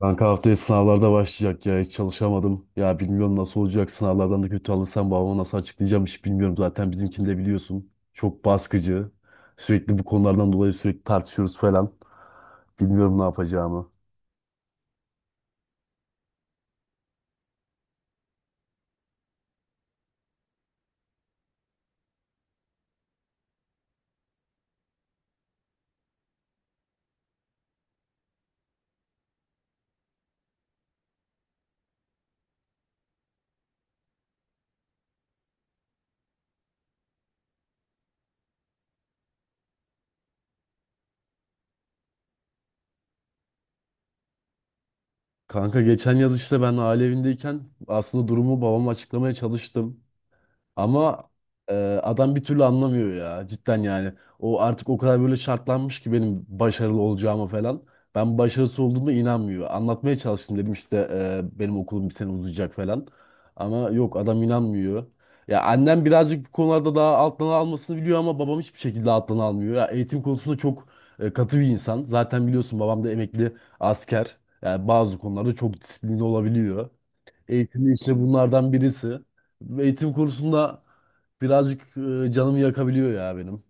Kanka haftaya sınavlarda başlayacak ya, hiç çalışamadım. Ya bilmiyorum nasıl olacak, sınavlardan da kötü alırsam babama nasıl açıklayacağım hiç bilmiyorum. Zaten bizimkini de biliyorsun. Çok baskıcı. Sürekli bu konulardan dolayı tartışıyoruz falan. Bilmiyorum ne yapacağımı. Kanka geçen yaz işte ben aile evindeyken aslında durumu babama açıklamaya çalıştım. Ama e, adam bir türlü anlamıyor ya, cidden yani. O artık o kadar böyle şartlanmış ki benim başarılı olacağıma falan. Ben başarısız olduğuma inanmıyor. Anlatmaya çalıştım, dedim işte benim okulum bir sene uzayacak falan. Ama yok, adam inanmıyor. Ya annem birazcık bu konularda daha alttan almasını biliyor ama babam hiçbir şekilde alttan almıyor. Ya eğitim konusunda çok katı bir insan. Zaten biliyorsun, babam da emekli asker. Yani bazı konularda çok disiplinli olabiliyor. Eğitim işte bunlardan birisi. Eğitim kursunda birazcık canımı yakabiliyor ya benim.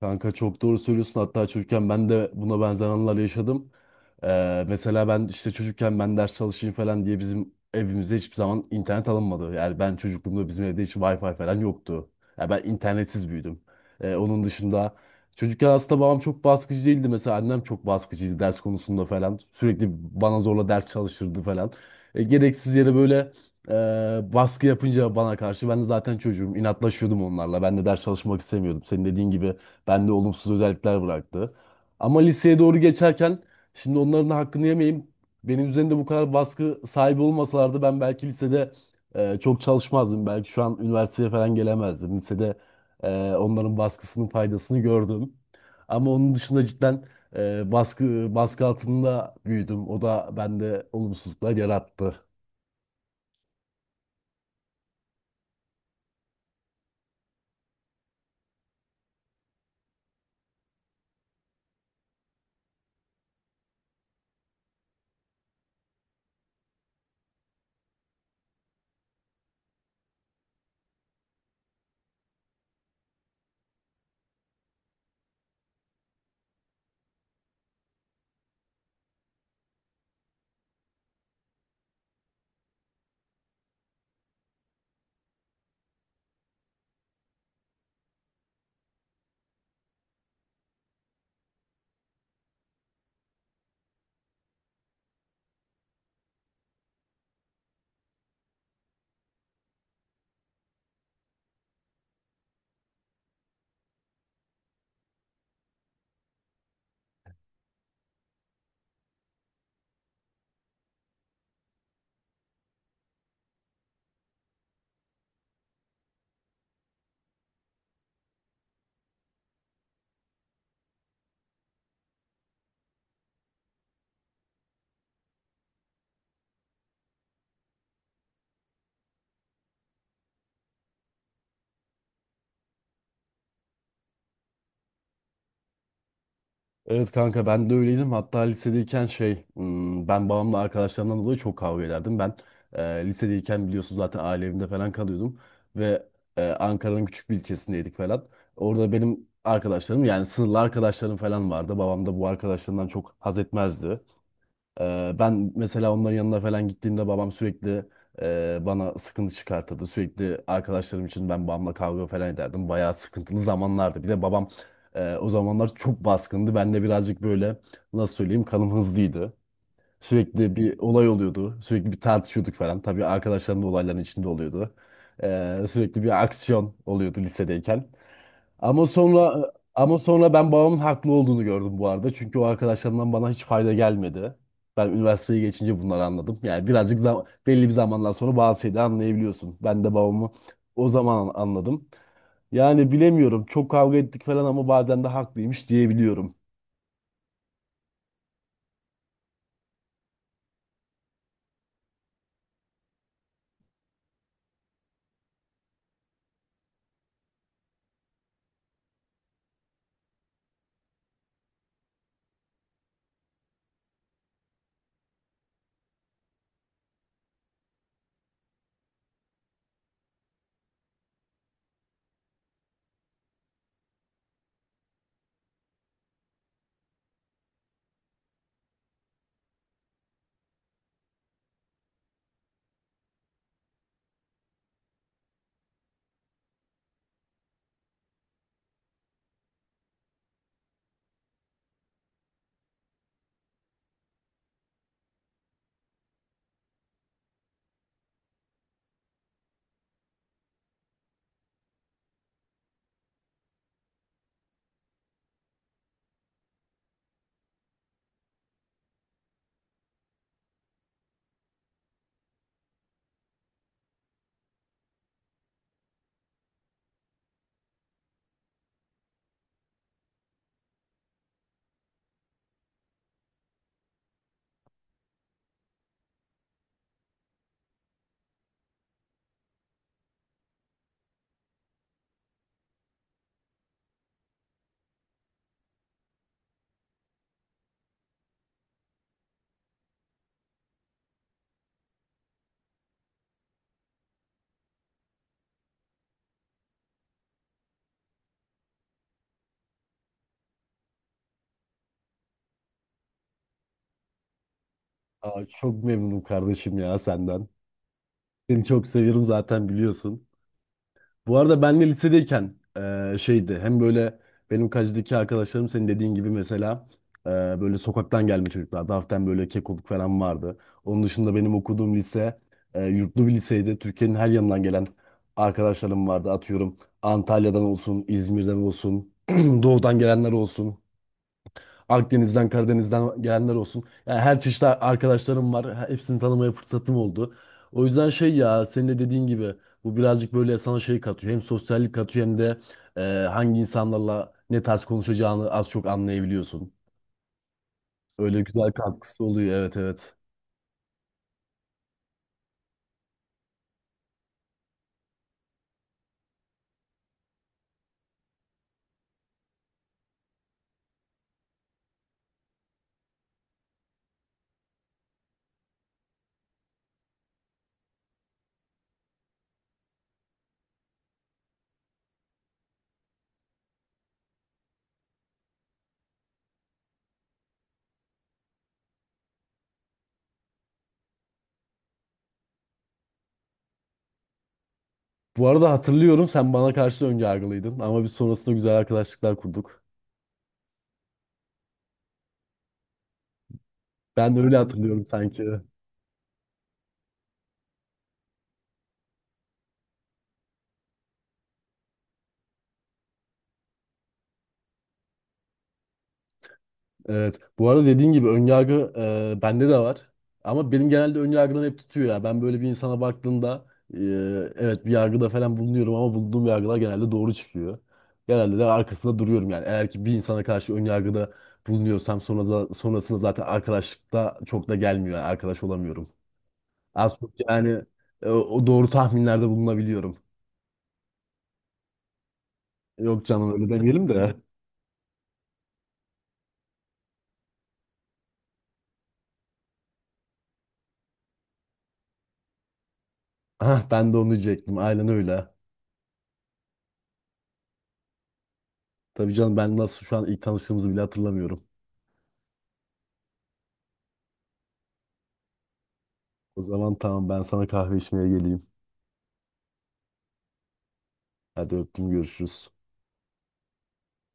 Kanka çok doğru söylüyorsun. Hatta çocukken ben de buna benzer anılar yaşadım. Mesela ben işte çocukken ben ders çalışayım falan diye bizim evimize hiçbir zaman internet alınmadı. Yani ben çocukluğumda bizim evde hiç Wi-Fi falan yoktu. Yani ben internetsiz büyüdüm. Onun dışında çocukken aslında babam çok baskıcı değildi. Mesela annem çok baskıcıydı ders konusunda falan. Sürekli bana zorla ders çalıştırdı falan. Gereksiz yere böyle baskı yapınca bana karşı ben de zaten çocuğum inatlaşıyordum onlarla. Ben de ders çalışmak istemiyordum. Senin dediğin gibi bende olumsuz özellikler bıraktı. Ama liseye doğru geçerken şimdi onların hakkını yemeyeyim. Benim üzerinde bu kadar baskı sahibi olmasalardı ben belki lisede çok çalışmazdım. Belki şu an üniversiteye falan gelemezdim. Lisede onların baskısının faydasını gördüm. Ama onun dışında cidden baskı baskı altında büyüdüm. O da bende olumsuzluklar yarattı. Evet kanka, ben de öyleydim. Hatta lisedeyken şey ben babamla arkadaşlarımdan dolayı çok kavga ederdim. Ben lisedeyken biliyorsun zaten aile evinde falan kalıyordum. Ve Ankara'nın küçük bir ilçesindeydik falan. Orada benim arkadaşlarım, yani sınırlı arkadaşlarım falan vardı. Babam da bu arkadaşlarından çok haz etmezdi. Ben mesela onların yanına falan gittiğimde babam sürekli bana sıkıntı çıkartırdı. Sürekli arkadaşlarım için ben babamla kavga falan ederdim. Bayağı sıkıntılı zamanlardı. Bir de babam o zamanlar çok baskındı. Ben de birazcık böyle, nasıl söyleyeyim, kanım hızlıydı. Sürekli bir olay oluyordu. Sürekli bir tartışıyorduk falan. Tabii arkadaşlarım da olayların içinde oluyordu. Sürekli bir aksiyon oluyordu lisedeyken. Ama sonra ben babamın haklı olduğunu gördüm bu arada. Çünkü o arkadaşlarımdan bana hiç fayda gelmedi. Ben üniversiteyi geçince bunları anladım. Yani birazcık belli bir zamandan sonra bazı şeyleri anlayabiliyorsun. Ben de babamı o zaman anladım. Yani bilemiyorum. Çok kavga ettik falan ama bazen de haklıymış diyebiliyorum. Aa, çok memnunum kardeşim ya senden. Seni çok seviyorum zaten biliyorsun. Bu arada ben de lisedeyken şeydi, hem böyle benim kacideki arkadaşlarım senin dediğin gibi, mesela eee, böyle sokaktan gelme çocuklar. Hafiften böyle kekoluk falan vardı. Onun dışında benim okuduğum lise yurtlu bir liseydi. Türkiye'nin her yanından gelen arkadaşlarım vardı. Atıyorum Antalya'dan olsun, İzmir'den olsun, doğudan gelenler olsun. Akdeniz'den, Karadeniz'den gelenler olsun. Yani her çeşit arkadaşlarım var. Hepsini tanımaya fırsatım oldu. O yüzden şey ya, senin de dediğin gibi bu birazcık böyle sana şey katıyor. Hem sosyallik katıyor hem de e, hangi insanlarla ne tarz konuşacağını az çok anlayabiliyorsun. Öyle güzel katkısı oluyor. Evet, evet. Bu arada hatırlıyorum, sen bana karşı önyargılıydın ama biz sonrasında güzel arkadaşlıklar kurduk. Ben de öyle hatırlıyorum sanki. Evet. Bu arada dediğin gibi önyargı bende de var. Ama benim genelde önyargılar hep tutuyor ya. Ben böyle bir insana baktığımda e, evet, bir yargıda falan bulunuyorum ama bulunduğum yargılar genelde doğru çıkıyor. Genelde de arkasında duruyorum yani. Eğer ki bir insana karşı önyargıda bulunuyorsam sonrasında zaten arkadaşlıkta çok da gelmiyor. Yani arkadaş olamıyorum. Az çok yani o doğru tahminlerde bulunabiliyorum. Yok canım, öyle demeyelim de. Ah, ben de onu diyecektim. Aynen öyle. Tabii canım, ben nasıl şu an ilk tanıştığımızı bile hatırlamıyorum. O zaman tamam, ben sana kahve içmeye geleyim. Hadi öptüm, görüşürüz.